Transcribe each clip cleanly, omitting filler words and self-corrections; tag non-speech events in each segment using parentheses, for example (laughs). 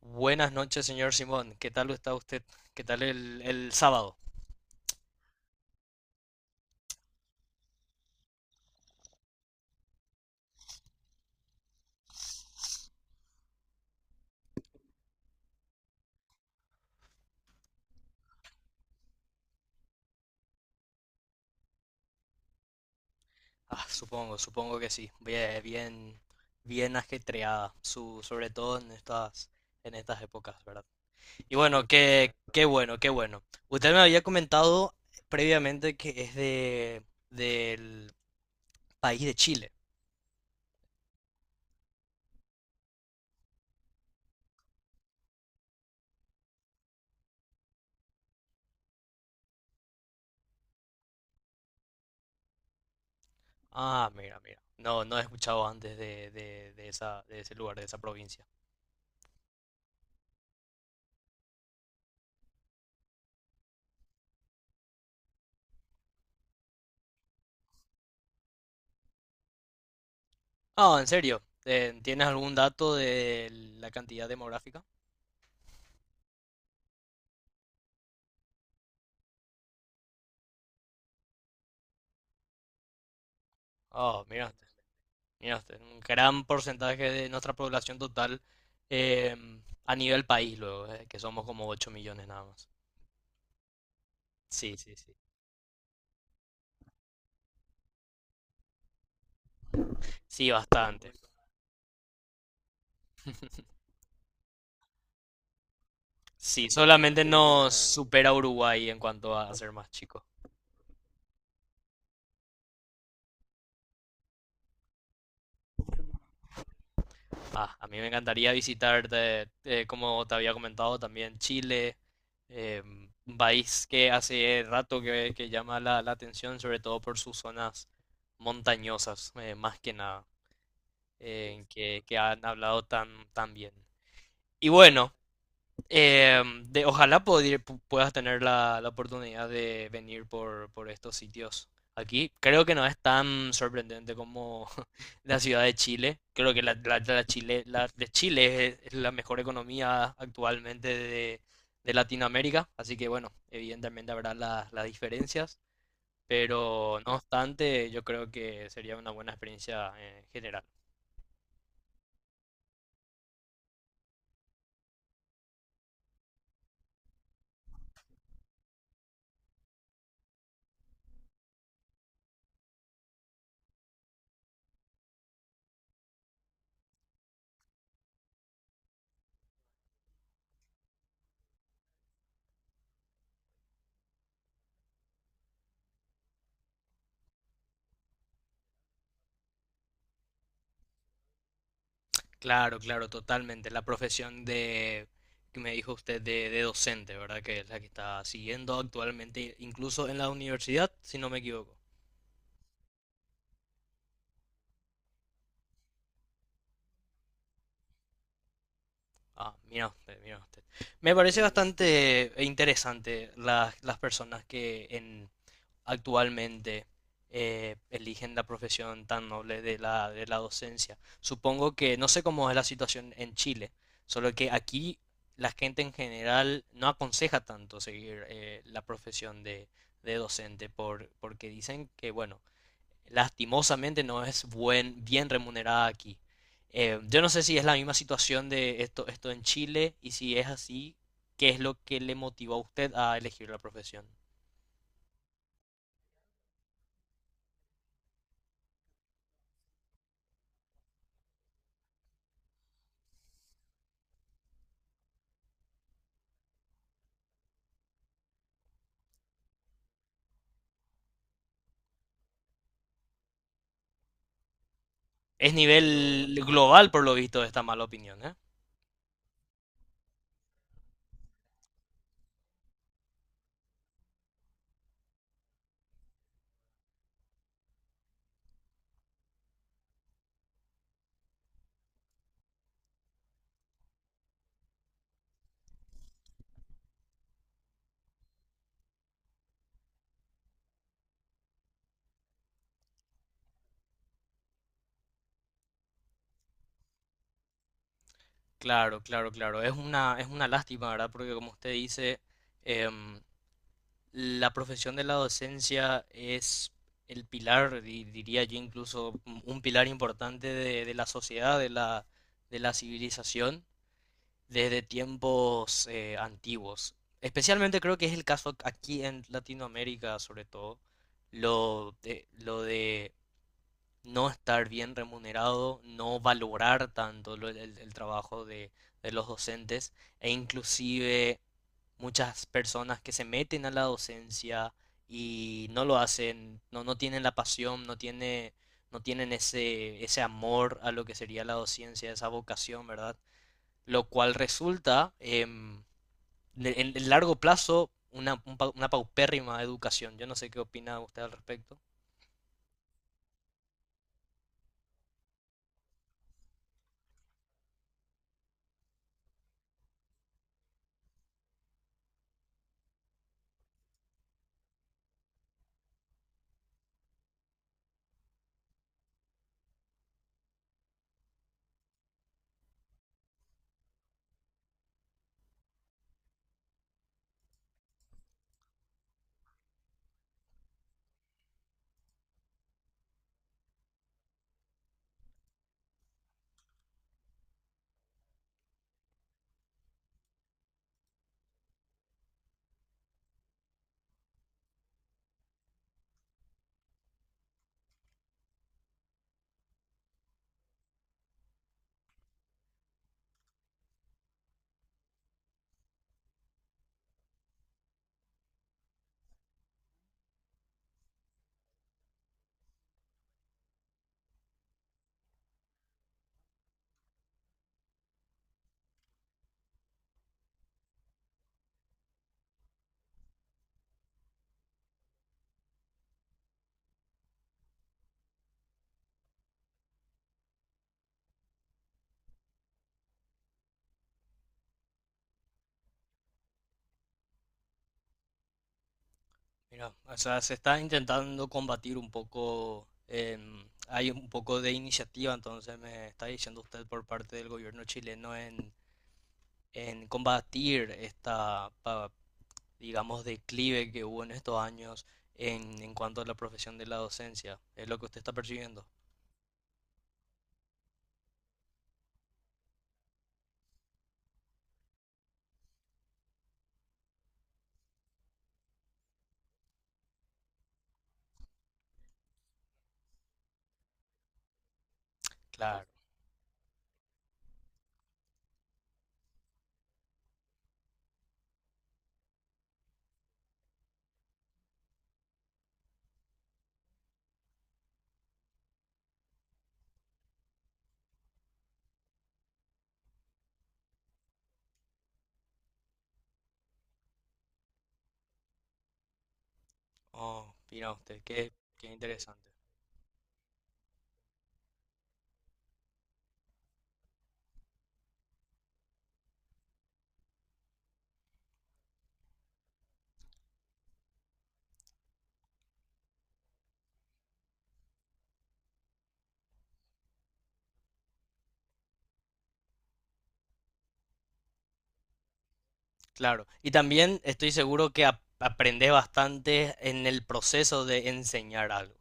Buenas noches, señor Simón. ¿Qué tal está usted? ¿Qué tal el sábado? Ah, supongo que sí. Bien, bien, bien ajetreada, sobre todo en en estas épocas, ¿verdad? Y bueno, qué bueno, qué bueno. Usted me había comentado previamente que es del país de Chile. Ah, mira, mira. No, no he escuchado antes de esa, de ese lugar, de esa provincia. Ah, ¿en serio? ¿Tienes algún dato de la cantidad demográfica? Ah, mira. Mira usted, un gran porcentaje de nuestra población total eh, a nivel país, luego, que somos como 8 millones nada más. Sí, sí, sí. Sí, bastante. Sí, solamente nos supera Uruguay en cuanto a ser más chico. Ah, a mí me encantaría visitar, como te había comentado, también Chile, eh, un país que hace rato que llama la atención, sobre todo por sus zonas montañosas, más que nada, que han hablado tan, tan bien. Y bueno, ojalá puedas tener la oportunidad de venir por estos sitios aquí. Creo que no es tan sorprendente como (laughs) la ciudad de Chile. Creo que la Chile, la de Chile es la mejor economía actualmente de Latinoamérica. Así que bueno, evidentemente habrá las diferencias. Pero no obstante, yo creo que sería una buena experiencia en general. Claro, claro, totalmente. La profesión que me dijo usted, de docente, ¿verdad? Que es la que está siguiendo actualmente, incluso en la universidad, si no me equivoco. Ah, mira usted, mira usted. Me parece bastante interesante las personas actualmente eligen la profesión tan noble de de la docencia. Supongo que no sé cómo es la situación en Chile, solo que aquí la gente en general no aconseja tanto seguir la profesión de docente porque dicen que, bueno, lastimosamente no es bien remunerada aquí. Yo no sé si es la misma situación de esto en Chile y si es así, ¿qué es lo que le motivó a usted a elegir la profesión? Es nivel global, por lo visto, esta mala opinión, ¿eh? Claro, claro, claro. Es una lástima, ¿verdad? Porque como usted dice, em, la profesión de la docencia es el pilar, diría yo incluso, un pilar importante de la sociedad, de la civilización desde tiempos antiguos. Especialmente creo que es el caso aquí en Latinoamérica, sobre todo, lo de no estar bien remunerado, no valorar tanto el trabajo de los docentes e inclusive muchas personas que se meten a la docencia y no lo hacen, no tienen la pasión, no tienen ese, ese amor a lo que sería la docencia, esa vocación, ¿verdad? Lo cual resulta en el largo plazo una paupérrima educación. Yo no sé qué opina usted al respecto. Mira, o sea, se está intentando combatir un poco, em, hay un poco de iniciativa, entonces me está diciendo usted por parte del gobierno chileno en combatir esta, digamos, declive que hubo en estos años en cuanto a la profesión de la docencia. ¿Es lo que usted está percibiendo? Claro. Oh, mira usted, qué, qué interesante. Claro, y también estoy seguro que aprendes bastante en el proceso de enseñar algo.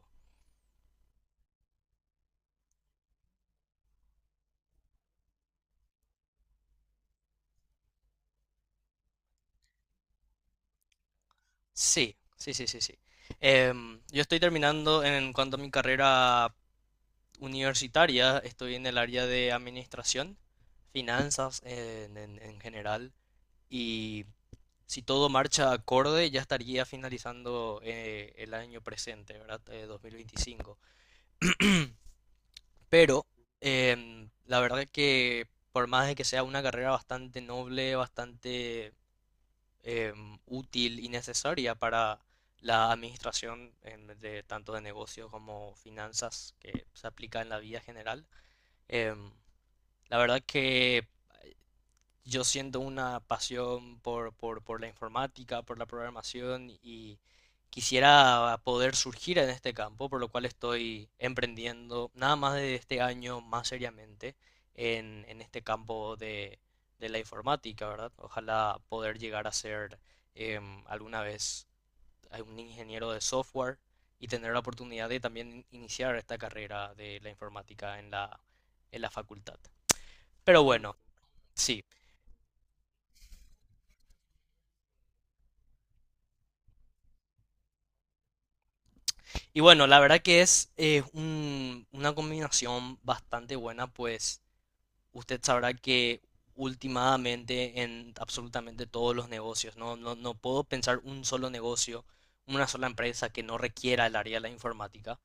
Sí, sí, sí, sí, sí. Em, yo estoy terminando en cuanto a mi carrera universitaria, estoy en el área de administración, finanzas en general, y si todo marcha acorde, ya estaría finalizando el año presente, ¿verdad? 2025. Pero em, la verdad que por más de que sea una carrera bastante noble, bastante em, útil y necesaria para la administración de tanto de negocios como finanzas que se aplica en la vida general, em, la verdad que yo siento una pasión por la informática, por la programación y quisiera poder surgir en este campo, por lo cual estoy emprendiendo nada más de este año más seriamente en este campo de la informática, ¿verdad? Ojalá poder llegar a ser em, alguna vez un ingeniero de software y tener la oportunidad de también iniciar esta carrera de la informática en en la facultad. Pero bueno, sí. Y bueno, la verdad que es una combinación bastante buena, pues usted sabrá que últimamente en absolutamente todos los negocios, no puedo pensar un solo negocio, una sola empresa que no requiera el área de la informática.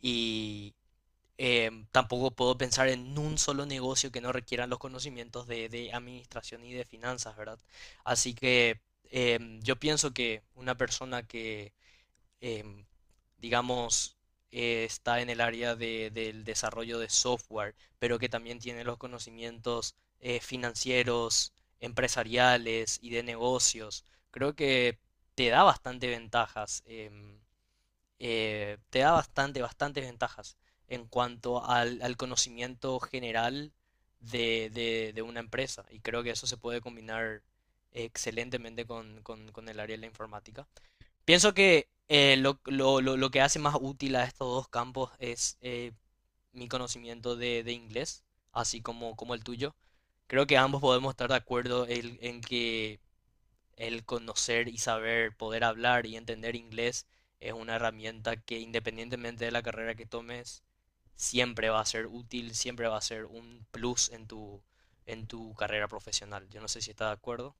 Y em, tampoco puedo pensar en un solo negocio que no requiera los conocimientos de administración y de finanzas, ¿verdad? Así que em, yo pienso que una persona que em, digamos, está en el área del desarrollo de software, pero que también tiene los conocimientos financieros, empresariales y de negocios. Creo que te da bastante ventajas, em, te da bastante, bastantes ventajas en cuanto al conocimiento general de una empresa. Y creo que eso se puede combinar excelentemente con con el área de la informática. Pienso que lo que hace más útil a estos dos campos es mi conocimiento de inglés, así como, como el tuyo. Creo que ambos podemos estar de acuerdo en que el conocer y saber, poder hablar y entender inglés es una herramienta que, independientemente de la carrera que tomes, siempre va a ser útil, siempre va a ser un plus en en tu carrera profesional. Yo no sé si estás de acuerdo.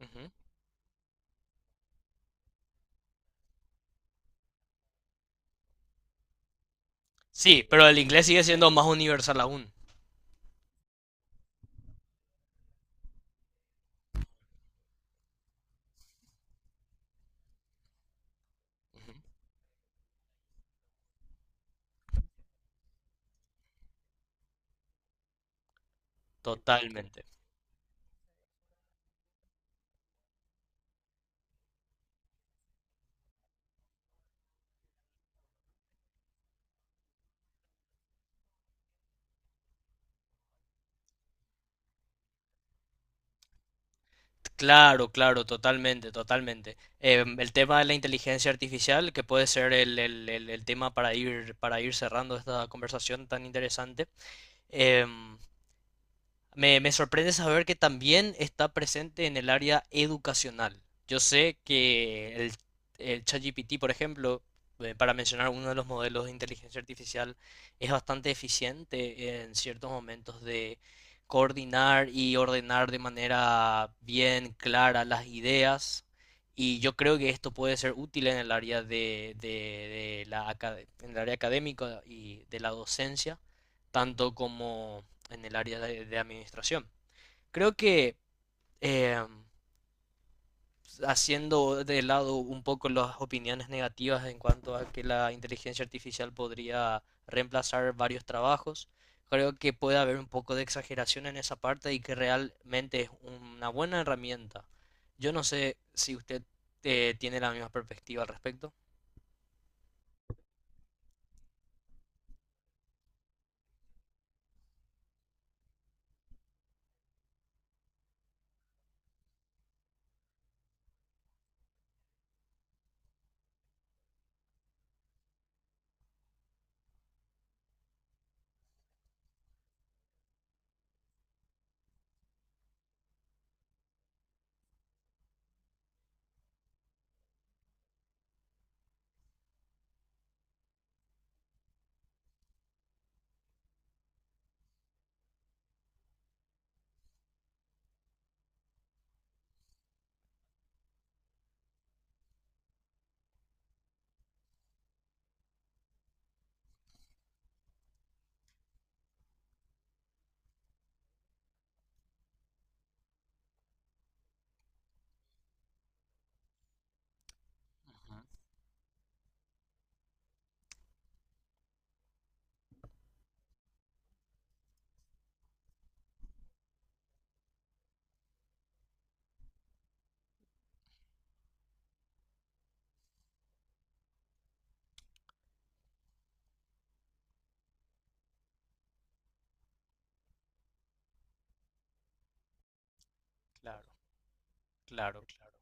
Ujú. Sí, pero el inglés sigue siendo más universal aún. Ujú. Totalmente. Claro, claro, totalmente, totalmente. Em, el tema de la inteligencia artificial, que puede ser el tema para para ir cerrando esta conversación tan interesante. Em, me sorprende saber que también está presente en el área educacional. Yo sé que el ChatGPT, por ejemplo, para mencionar uno de los modelos de inteligencia artificial, es bastante eficiente en ciertos momentos de coordinar y ordenar de manera bien clara las ideas. Y yo creo que esto puede ser útil en el área de, en el área académica y de la docencia, tanto como en el área de administración. Creo que eh, haciendo de lado un poco las opiniones negativas en cuanto a que la inteligencia artificial podría reemplazar varios trabajos, creo que puede haber un poco de exageración en esa parte y que realmente es una buena herramienta. Yo no sé si usted tiene la misma perspectiva al respecto. Ujú. Claro, claro, claro.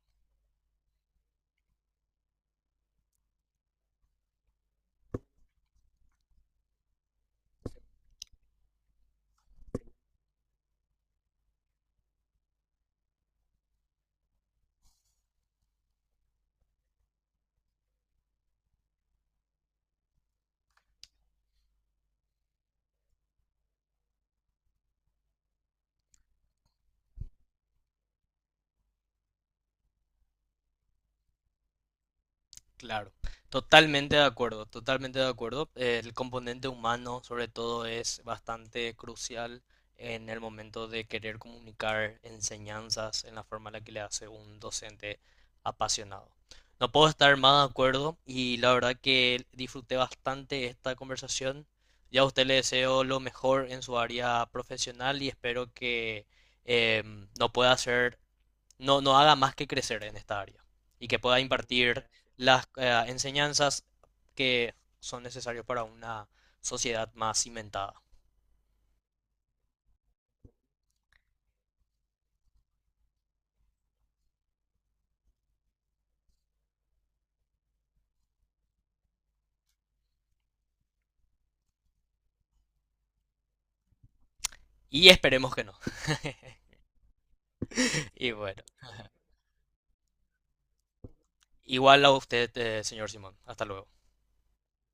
Claro, totalmente de acuerdo, totalmente de acuerdo. El componente humano, sobre todo, es bastante crucial en el momento de querer comunicar enseñanzas en la forma en la que le hace un docente apasionado. No puedo estar más de acuerdo y la verdad que disfruté bastante esta conversación. Ya a usted le deseo lo mejor en su área profesional y espero que em, no pueda ser no haga más que crecer en esta área y que pueda impartir las enseñanzas que son necesarias para una sociedad más cimentada. Y esperemos que no. (laughs) Y bueno, igual a usted, señor Simón. Hasta luego.